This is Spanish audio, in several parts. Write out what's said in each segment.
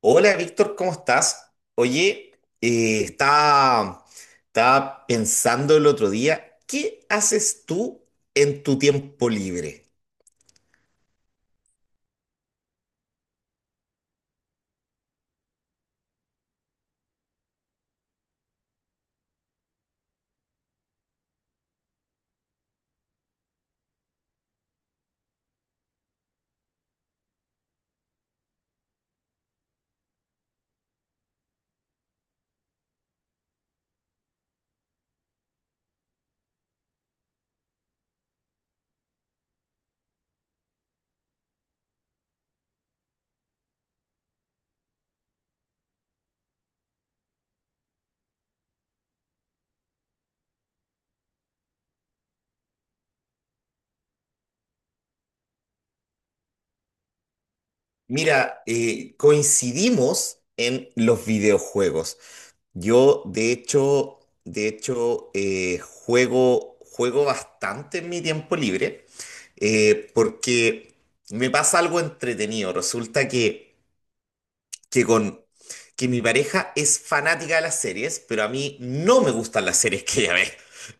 Hola Víctor, ¿cómo estás? Oye, eh, estaba, estaba pensando el otro día, ¿qué haces tú en tu tiempo libre? Mira, coincidimos en los videojuegos. Yo, de hecho, de hecho, juego bastante en mi tiempo libre, porque me pasa algo entretenido. Resulta que que con que mi pareja es fanática de las series, pero a mí no me gustan las series que ella ve,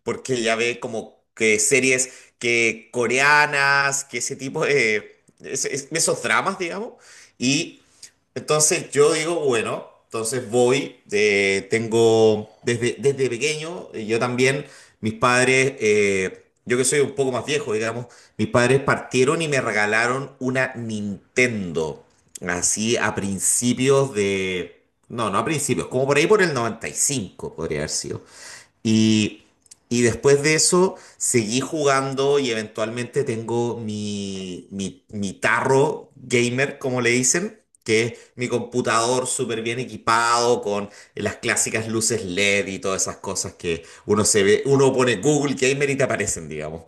porque ella ve como que series que coreanas, que ese tipo de es- esos dramas, digamos. Y entonces yo digo, bueno, entonces voy, tengo desde pequeño, yo también, yo que soy un poco más viejo, digamos, mis padres partieron y me regalaron una Nintendo, así a principios de, no, no a principios, como por ahí por el 95 podría haber sido. Y, y después de eso seguí jugando y eventualmente tengo mi tarro gamer, como le dicen, que es mi computador súper bien equipado con las clásicas luces LED y todas esas cosas que uno se ve, uno pone Google Gamer y te aparecen, digamos.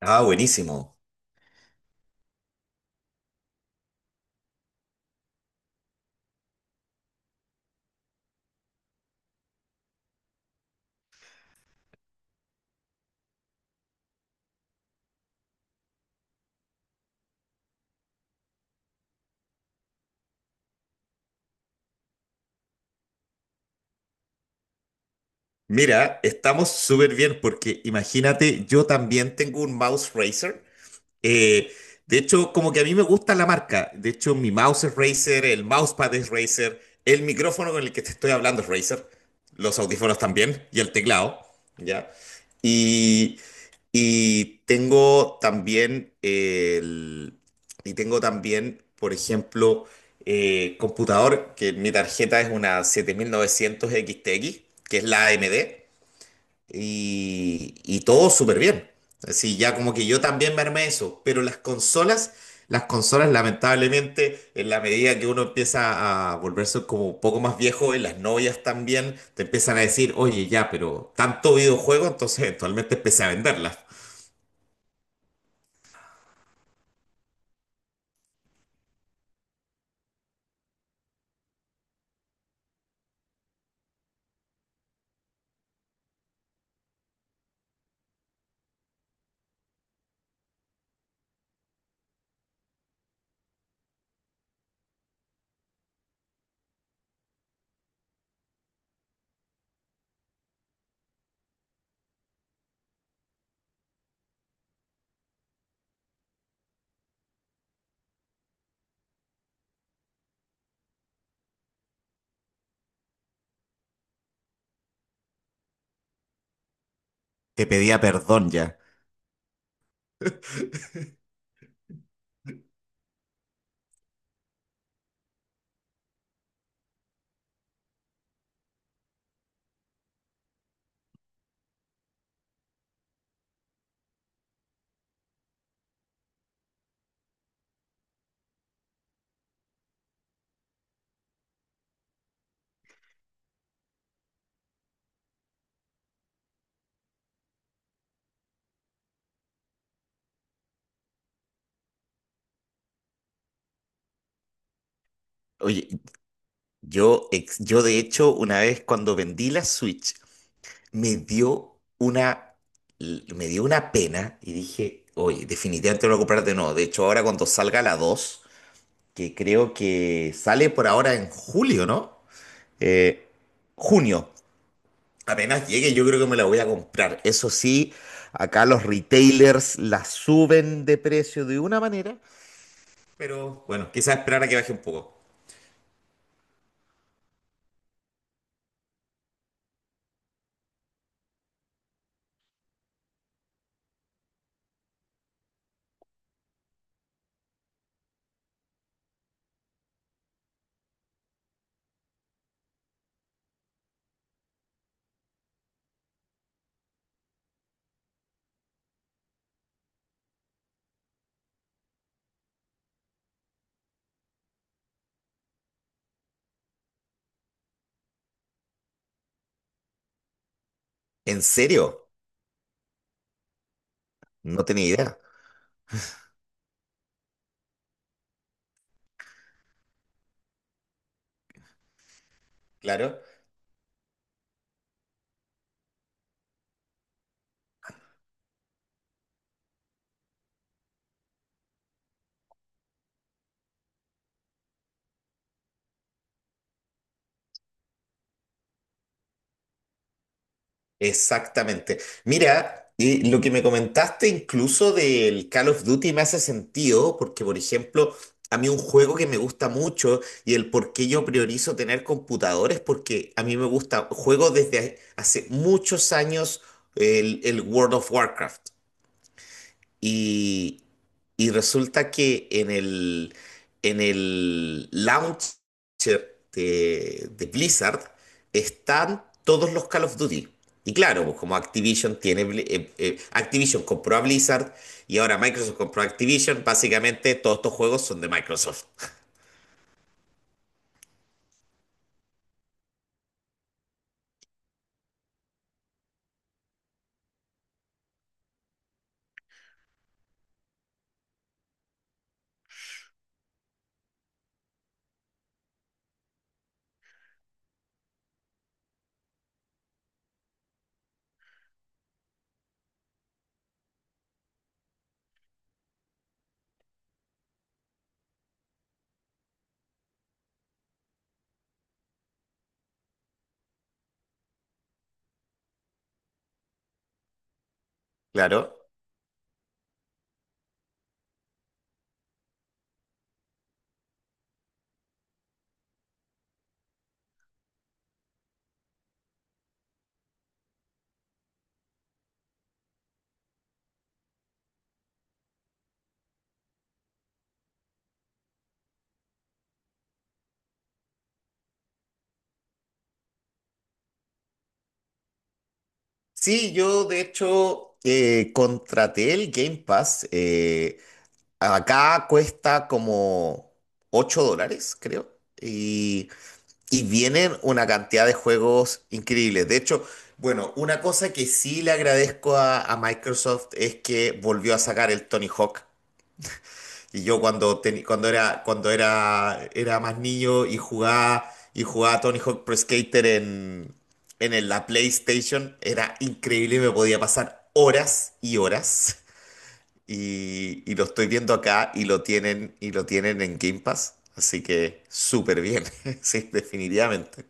Ah, buenísimo. Mira, estamos súper bien porque imagínate, yo también tengo un mouse Razer. Eh, como que a mí me gusta la marca. De hecho, mi mouse es Razer, el mousepad es Razer, el micrófono con el que te estoy hablando es Razer, los audífonos también y el teclado, ¿ya? Y, y tengo también el, y tengo también, por ejemplo, computador, que mi tarjeta es una 7900 x, que es la AMD, y todo súper bien. Así ya como que yo también me armé eso, pero las consolas lamentablemente en la medida que uno empieza a volverse como un poco más viejo, y las novias también te empiezan a decir, oye ya, pero tanto videojuego, entonces eventualmente empecé a venderlas. Te pedía perdón ya. Oye, yo de hecho una vez cuando vendí la Switch, me dio una, me dio una pena y dije, oye, definitivamente no lo voy a comprar de nuevo. De hecho, ahora cuando salga la dos, que creo que sale por ahora en julio, ¿no? Eh, junio. Apenas llegue, yo creo que me la voy a comprar. Eso sí, acá los retailers la suben de precio de una manera, pero bueno, quizás esperar a que baje un poco. ¿En serio? No tenía idea. Claro. Exactamente. Mira, y lo que me comentaste incluso del Call of Duty me hace sentido, porque por ejemplo, a mí un juego que me gusta mucho y el por qué yo priorizo tener computadores, porque a mí me gusta, juego desde hace muchos años el World of Warcraft. Y, y resulta que en el launcher de Blizzard están todos los Call of Duty. Y claro, pues como Activision compró a Blizzard y ahora Microsoft compró a Activision, básicamente todos estos juegos son de Microsoft. Claro. Sí, yo de hecho contraté el Game Pass. Eh, acá cuesta como $8, creo. Y vienen una cantidad de juegos increíbles. De hecho, bueno, una cosa que sí le agradezco a Microsoft es que volvió a sacar el Tony Hawk. Y yo cuando era más niño y jugaba Tony Hawk Pro Skater en, la PlayStation, era increíble, me podía pasar horas y horas y lo estoy viendo acá y lo tienen en Game Pass. Así que súper bien, sí, definitivamente.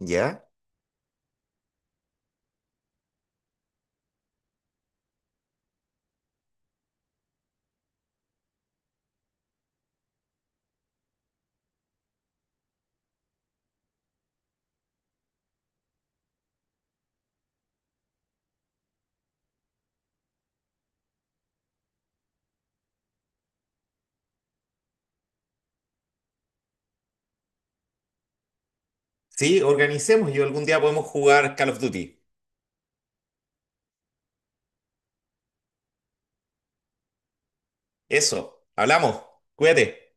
¿Ya? Sí, organicemos y algún día podemos jugar Call of Duty. Eso, hablamos, cuídate.